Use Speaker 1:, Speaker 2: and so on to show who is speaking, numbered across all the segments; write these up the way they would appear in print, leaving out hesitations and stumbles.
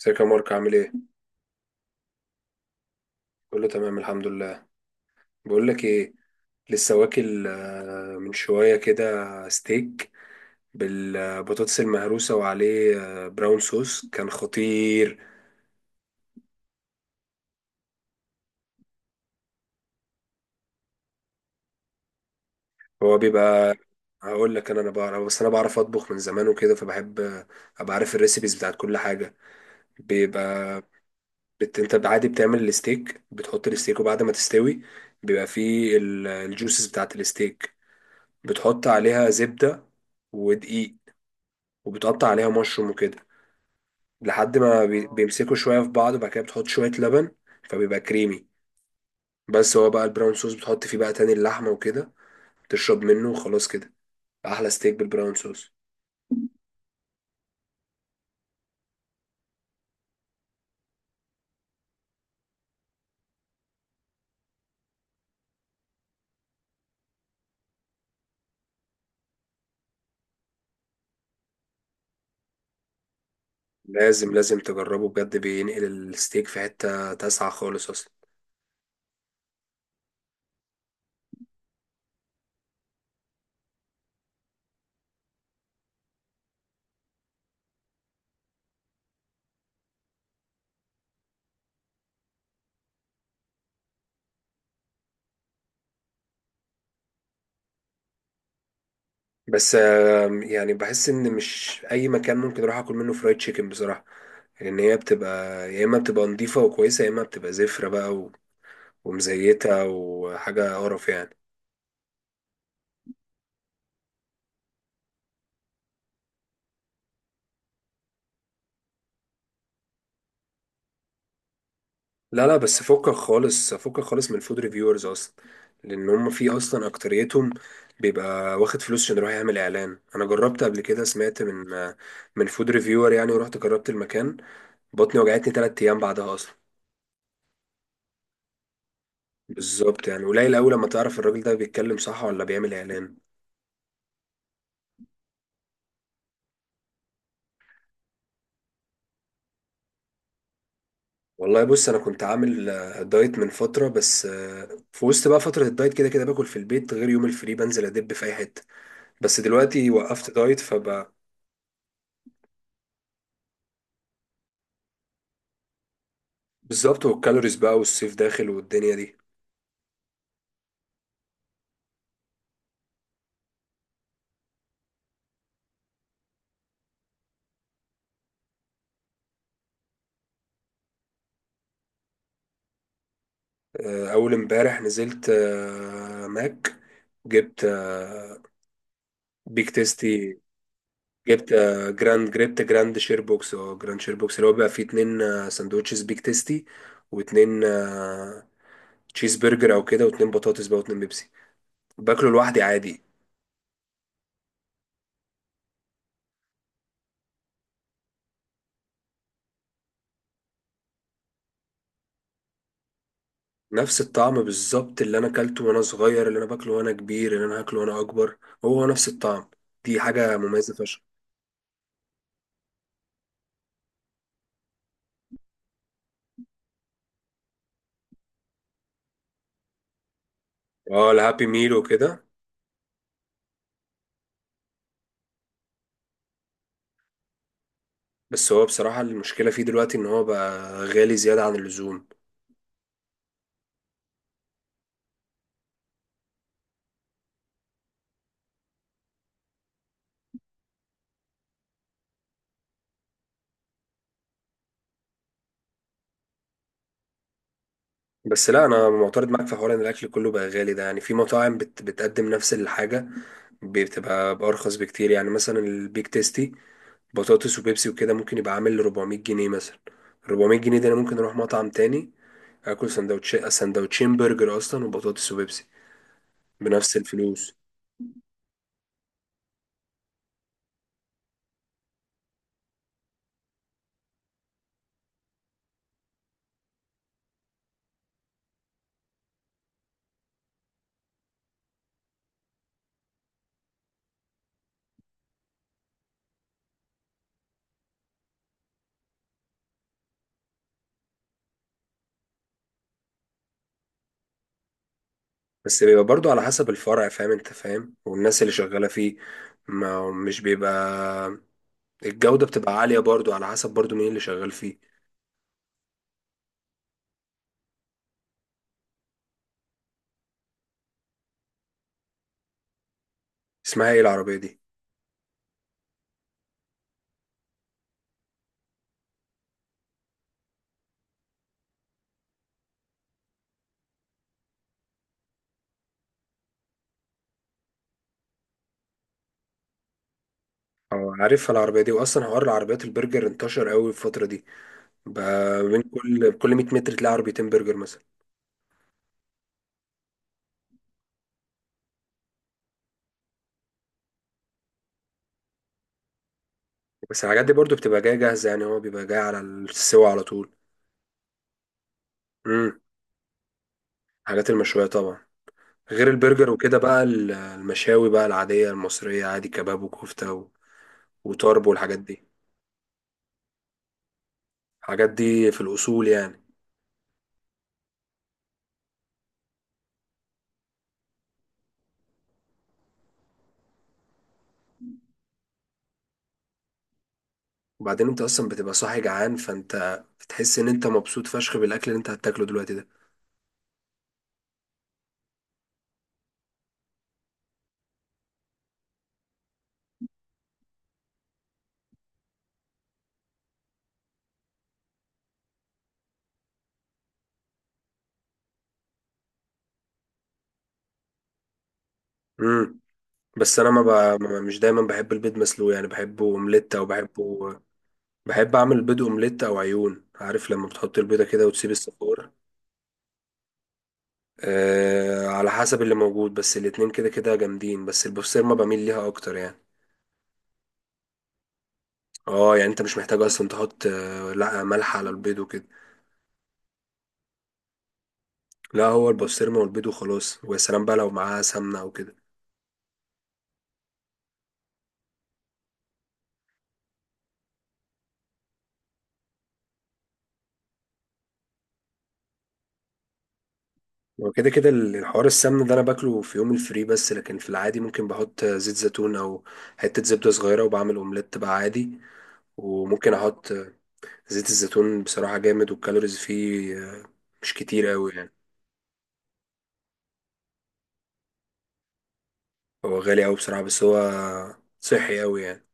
Speaker 1: ازيك يا مارك عامل ايه؟ كله تمام الحمد لله. بقول لك ايه، لسه واكل من شوية كده ستيك بالبطاطس المهروسة وعليه براون صوص كان خطير. هو بيبقى. هقول لك، انا بعرف، بس انا بعرف اطبخ من زمان وكده فبحب ابقى عارف الريسيبيز بتاعت كل حاجة. بيبقى. انت عادي بتعمل الستيك، بتحط الستيك وبعد ما تستوي بيبقى فيه الجوسز بتاعت الستيك، بتحط عليها زبدة ودقيق، وبتقطع عليها مشروم وكده لحد ما بيمسكوا شوية في بعض، وبعد كده بتحط شوية لبن فبيبقى كريمي. بس هو بقى البراون صوص، بتحط فيه بقى تاني اللحمة وكده تشرب منه وخلاص كده. أحلى ستيك بالبراون صوص. لازم تجربه بجد، بينقل الستيك في حتة تسعة خالص أصلا. بس يعني بحس إن مش أي مكان ممكن أروح أكل منه فرايد تشيكن بصراحة. لأن هي بتبقى يا إما بتبقى نضيفة وكويسة، يا إما بتبقى زفرة بقى ومزيتة وحاجة قرف يعني. لا، لا، بس فكك خالص، فكك خالص من فود ريفيورز اصلا. لان هم في اصلا اكتريتهم بيبقى واخد فلوس عشان رايح يعمل اعلان. انا جربت قبل كده، سمعت من فود ريفيور يعني، ورحت جربت المكان، بطني وجعتني تلات ايام بعدها اصلا. بالظبط، يعني قليل قوي لما تعرف الراجل ده بيتكلم صح ولا بيعمل اعلان. والله بص، انا كنت عامل دايت من فتره، بس في وسط بقى فتره الدايت كده كده باكل في البيت، غير يوم الفري بنزل ادب في اي حته. بس دلوقتي وقفت دايت فب. بالظبط، والكالوريز بقى والصيف داخل والدنيا دي. اول امبارح نزلت ماك. جبت بيك تيستي. جبت جراند شير بوكس، اللي هو بقى فيه اتنين سندوتشز بيك تيستي، واتنين تشيز برجر او كده، واتنين بطاطس بقى، واتنين بيبسي. باكله لوحدي عادي. نفس الطعم بالظبط اللي انا اكلته وانا صغير، اللي انا باكله وانا كبير، اللي انا هاكله وانا اكبر. هو نفس الطعم. دي حاجة مميزة فشخ. اه، الهابي ميل وكده. بس هو بصراحة المشكلة فيه دلوقتي إن هو بقى غالي زيادة عن اللزوم. بس لا، أنا معترض معاك في حوار إن الأكل كله بقى غالي ده، يعني في مطاعم بتقدم نفس الحاجة بتبقى بأرخص بكتير. يعني مثلا البيك تيستي بطاطس وبيبسي وكده ممكن يبقى عامل 400 جنيه مثلا. 400 جنيه ده أنا ممكن أروح مطعم تاني آكل سندوتش سندوتشين برجر أصلا، وبطاطس وبيبسي بنفس الفلوس. بس بيبقى برضو على حسب الفرع، فاهم أنت، فاهم، والناس اللي شغالة فيه. ما مش بيبقى الجودة بتبقى عالية، برضو على حسب برضو مين اللي شغال فيه. اسمها ايه العربية دي؟ اه، عارفها العربية دي. واصلا حوار العربيات البرجر انتشر قوي الفترة دي. بقى من كل 100 متر تلاقي عربيتين برجر مثلا. بس الحاجات دي برضو بتبقى جاية جاهزة يعني، هو بيبقى جاي على السوا على طول. امم. الحاجات المشوية طبعا. غير البرجر وكده بقى المشاوي بقى العادية المصرية، عادي كباب وكفتة وطرب والحاجات دي. الحاجات دي في الأصول يعني. وبعدين انت اصلا بتبقى صاحي جعان، فانت بتحس ان انت مبسوط فشخ بالاكل اللي انت هتاكله دلوقتي ده. امم. بس انا ما ب... ما- مش دايما بحب البيض مسلوق يعني، بحبه اومليت او بحبه. بحب اعمل بيض اومليت او عيون، عارف لما بتحط البيضه كده وتسيب الصفار. على حسب اللي موجود، بس الاتنين كده كده جامدين، بس البسطرمه بميل ليها اكتر يعني. اه، يعني انت مش محتاج اصلا تحط لا ملح على البيض وكده. لا، هو البسطرمه والبيض وخلاص، ويا سلام بقى لو معاها سمنه او كده. وكده كده الحوار السمن ده انا باكله في يوم الفري بس، لكن في العادي ممكن بحط زيت زيتون او حتة زبدة صغيرة، وبعمل اومليت بقى عادي. وممكن احط زيت الزيتون، بصراحة جامد، والكالوريز فيه مش كتير قوي يعني. هو غالي قوي بصراحة، بس هو صحي قوي يعني.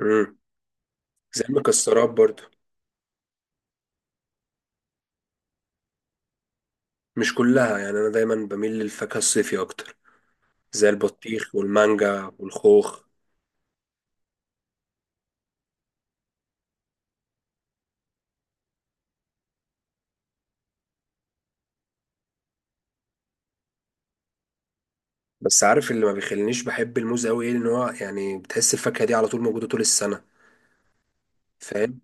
Speaker 1: امم. زي المكسرات برضو. مش كلها يعني، انا دايما بميل للفاكهة الصيفي اكتر، زي البطيخ والمانجا والخوخ. بس عارف اللي ما بيخلينيش بحب الموز قوي ايه؟ ان هو يعني بتحس الفاكهة دي على طول موجودة طول السنة، فاهم.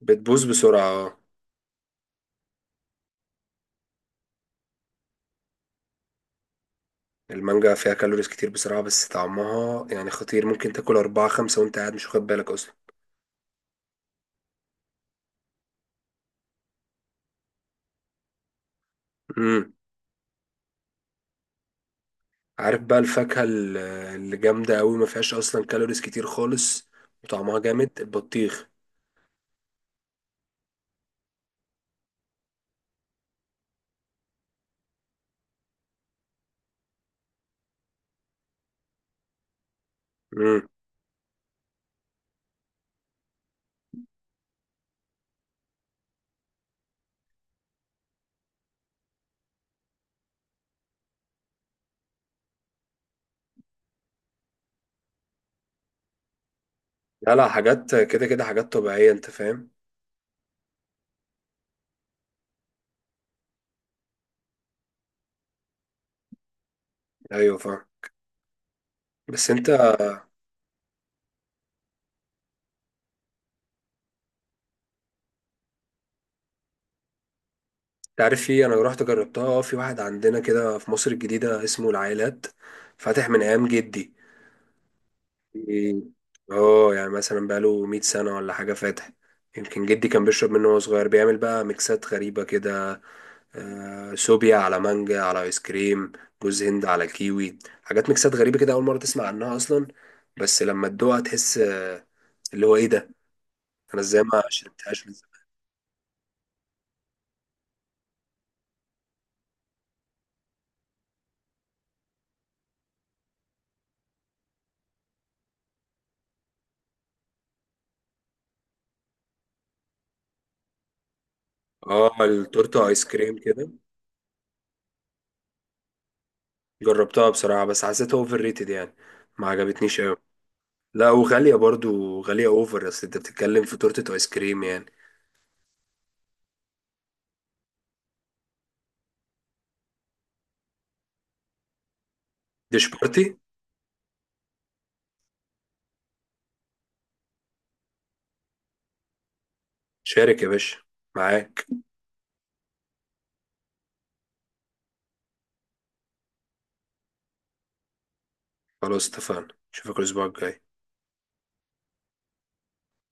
Speaker 1: بتبوظ بسرعة، اه. المانجا فيها كالوريز كتير بسرعة، بس طعمها يعني خطير، ممكن تاكل أربعة خمسة وأنت قاعد مش واخد بالك أصلا. امم. عارف بقى الفاكهة اللي جامدة أوي ما فيهاش أصلا كالوريز كتير خالص وطعمها جامد؟ البطيخ. امم. لا، لا، حاجات كده كده حاجات طبيعية أنت فاهم. أيوه فاهم. بس أنت تعرف، في أنا رحت جربتها في واحد عندنا كده في مصر الجديدة اسمه العائلات، فاتح من أيام جدي. إيه. اه، يعني مثلا بقاله 100 سنة ولا حاجة فاتح. يمكن جدي كان بيشرب منه وهو صغير، بيعمل بقى ميكسات غريبة كده. سوبيا على مانجا على ايس كريم، جوز هند على كيوي، حاجات ميكسات غريبة كده أول مرة تسمع عنها أصلا. بس لما تدوقها تحس اللي هو ايه ده، أنا ازاي ما شربتهاش من زمان. اه، التورتة ايس كريم كده. جربتها بصراحة، بس حسيتها اوفر ريتد يعني، ما عجبتنيش أوي. لا، وغالية برضو، غالية اوفر، اصل انت بتتكلم في تورتة ايس كريم يعني. ديش بارتي. شارك يا باشا، معاك. خلاص اتفقنا، اشوفك الاسبوع الجاي.